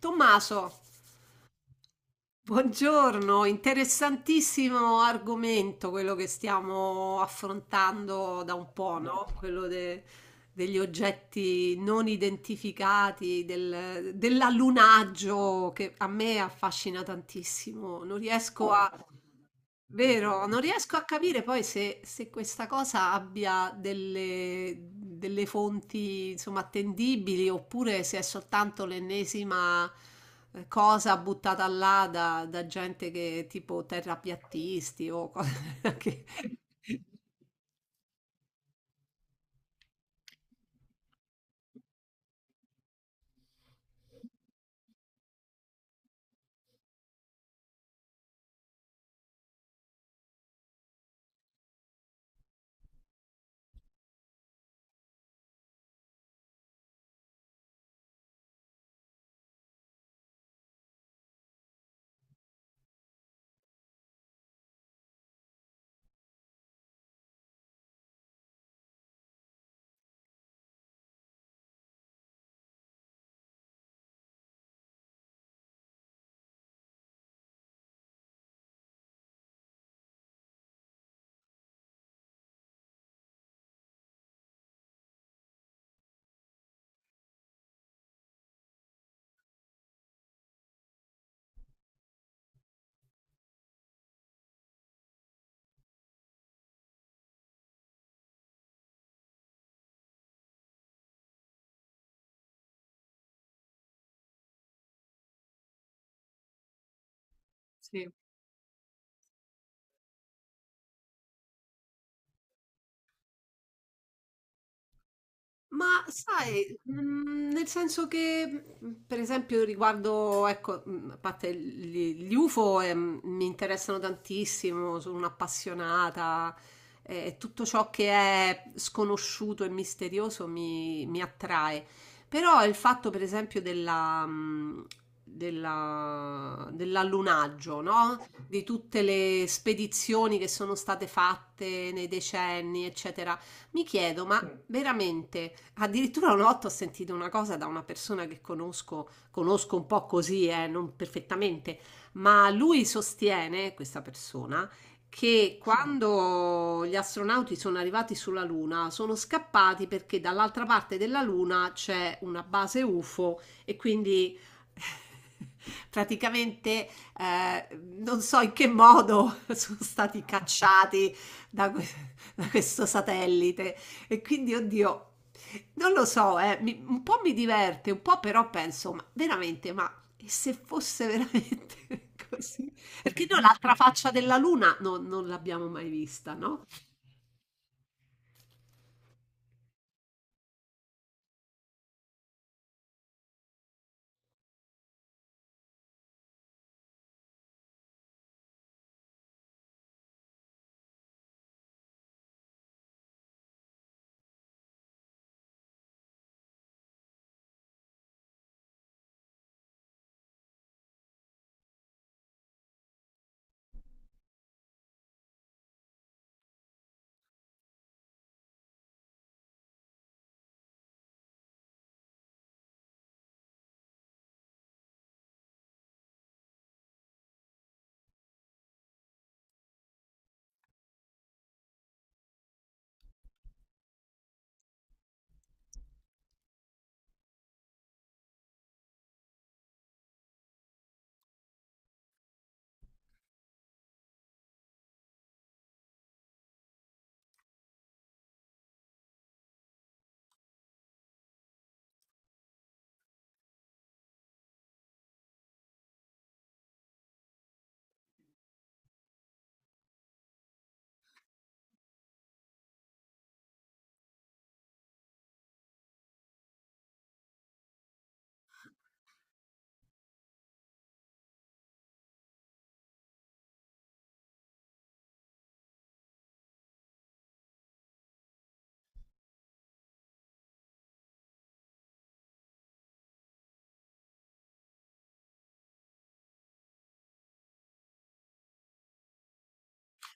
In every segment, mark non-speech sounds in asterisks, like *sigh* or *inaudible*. Tommaso, buongiorno, interessantissimo argomento quello che stiamo affrontando da un po', no? Degli oggetti non identificati, dell'allunaggio che a me affascina tantissimo. Non riesco a, Vero, non riesco a capire poi se, se questa cosa abbia delle, delle fonti, insomma, attendibili oppure se è soltanto l'ennesima cosa buttata là da, da gente che tipo terrapiattisti o cose *laughs* che... Sì. Ma sai, nel senso che, per esempio riguardo ecco, a parte gli UFO, mi interessano tantissimo, sono un'appassionata e tutto ciò che è sconosciuto e misterioso mi attrae. Però il fatto per esempio della, dell'allunaggio, no, di tutte le spedizioni che sono state fatte nei decenni, eccetera mi chiedo, ma sì, veramente, addirittura una volta ho sentito una cosa da una persona che conosco, conosco un po' così, non perfettamente, ma lui sostiene, questa persona, che sì, quando gli astronauti sono arrivati sulla Luna sono scappati perché dall'altra parte della Luna c'è una base UFO e quindi praticamente, non so in che modo *laughs* sono stati cacciati da que da questo satellite e quindi oddio, non lo so, mi un po' mi diverte, un po' però penso: "Ma veramente, ma e se fosse veramente *laughs* così?" Perché noi l'altra faccia della luna non l'abbiamo mai vista, no?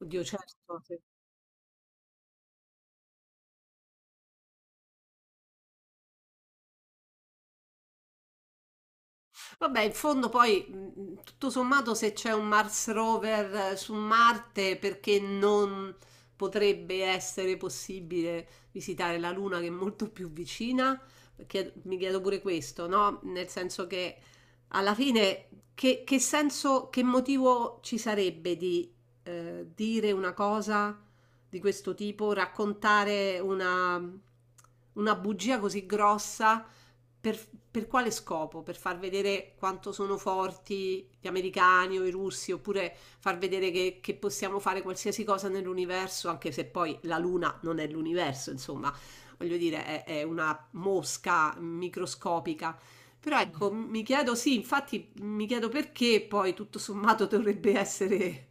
Oddio certo, se vabbè, in fondo poi, tutto sommato, se c'è un Mars rover su Marte, perché non potrebbe essere possibile visitare la Luna che è molto più vicina? Mi chiedo pure questo, no? Nel senso che alla fine, che senso, che motivo ci sarebbe di dire una cosa di questo tipo, raccontare una bugia così grossa? Per quale scopo? Per far vedere quanto sono forti gli americani o i russi, oppure far vedere che possiamo fare qualsiasi cosa nell'universo, anche se poi la Luna non è l'universo, insomma, voglio dire, è una mosca microscopica. Però ecco, mi chiedo, sì, infatti mi chiedo perché poi tutto sommato dovrebbe essere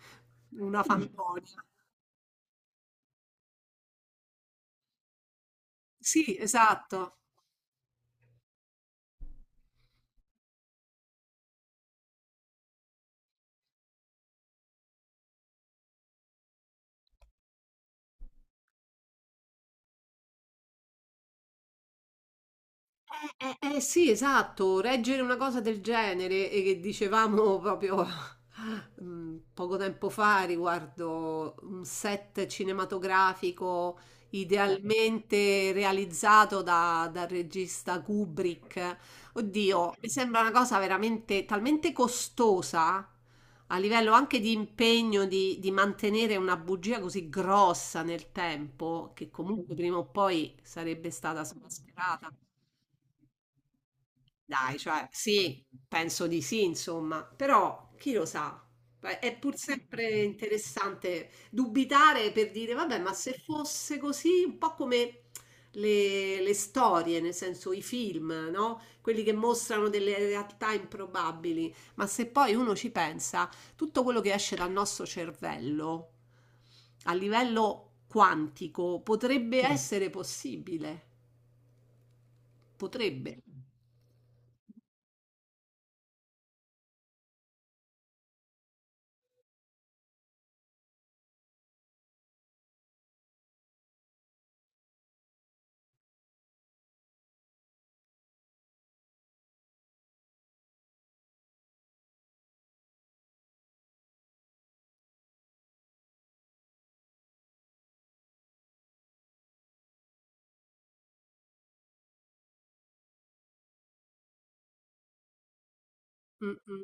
una fandonia. Sì, esatto. Sì, esatto, reggere una cosa del genere e che dicevamo proprio *laughs* mm, poco tempo fa riguardo un set cinematografico idealmente realizzato dal regista Kubrick. Oddio, mi sembra una cosa veramente talmente costosa a livello anche di impegno di mantenere una bugia così grossa nel tempo che comunque prima o poi sarebbe stata smascherata. Dai, cioè sì, penso di sì, insomma, però chi lo sa? Beh, è pur sempre interessante dubitare per dire, vabbè, ma se fosse così, un po' come le storie, nel senso i film, no? Quelli che mostrano delle realtà improbabili, ma se poi uno ci pensa, tutto quello che esce dal nostro cervello a livello quantico potrebbe sì, essere possibile, potrebbe. Mm, mm.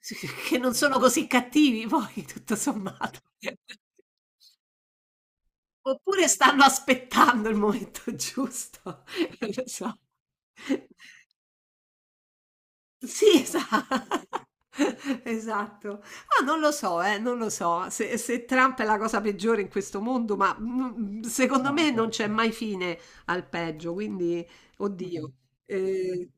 S Che non sono così cattivi poi, tutto sommato. Oppure stanno aspettando il momento giusto, *laughs* non lo so. Sì, esa *laughs* esatto. Ah, non lo so, non lo so se Trump è la cosa peggiore in questo mondo, ma, secondo me non c'è mai fine al peggio, quindi oddio. Ehm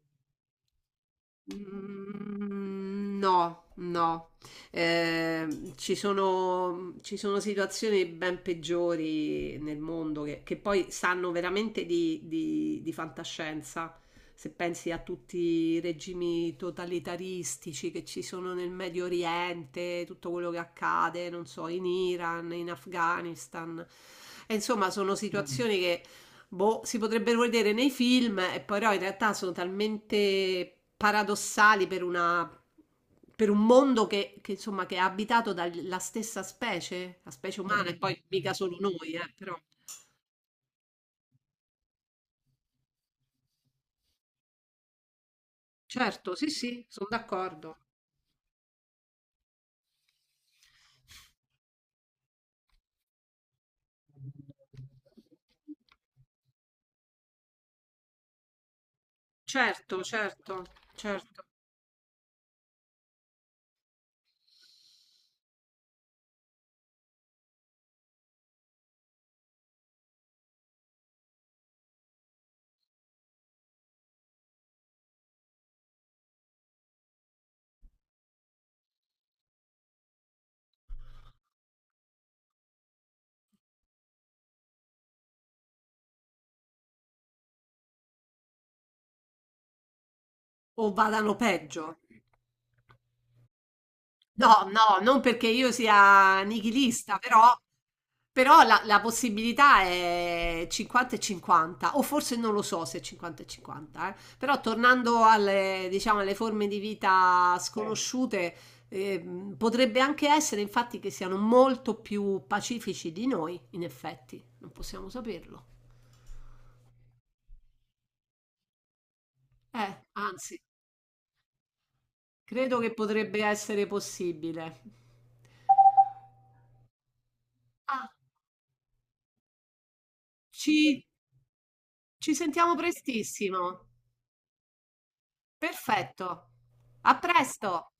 Mhmm, no, no. Ci sono situazioni ben peggiori nel mondo che poi sanno veramente di fantascienza. Se pensi a tutti i regimi totalitaristici che ci sono nel Medio Oriente, tutto quello che accade, non so, in Iran, in Afghanistan. E insomma, sono mh, situazioni che boh, si potrebbero vedere nei film e però in realtà sono talmente paradossali per una, per un mondo che, insomma che è abitato dalla stessa specie, la specie umana, e poi mica solo noi, però. Certo, sì, sì, sono d'accordo. Certo, certo, certo. O vadano peggio. No, no, non perché io sia nichilista, però, però la, la possibilità è 50 e 50, o forse non lo so se è 50 e 50, eh. Però tornando alle, diciamo, alle forme di vita sconosciute, potrebbe anche essere infatti che siano molto più pacifici di noi, in effetti, non possiamo saperlo. Anzi, credo che potrebbe essere possibile. Ah, ci, ci sentiamo prestissimo. Perfetto. A presto.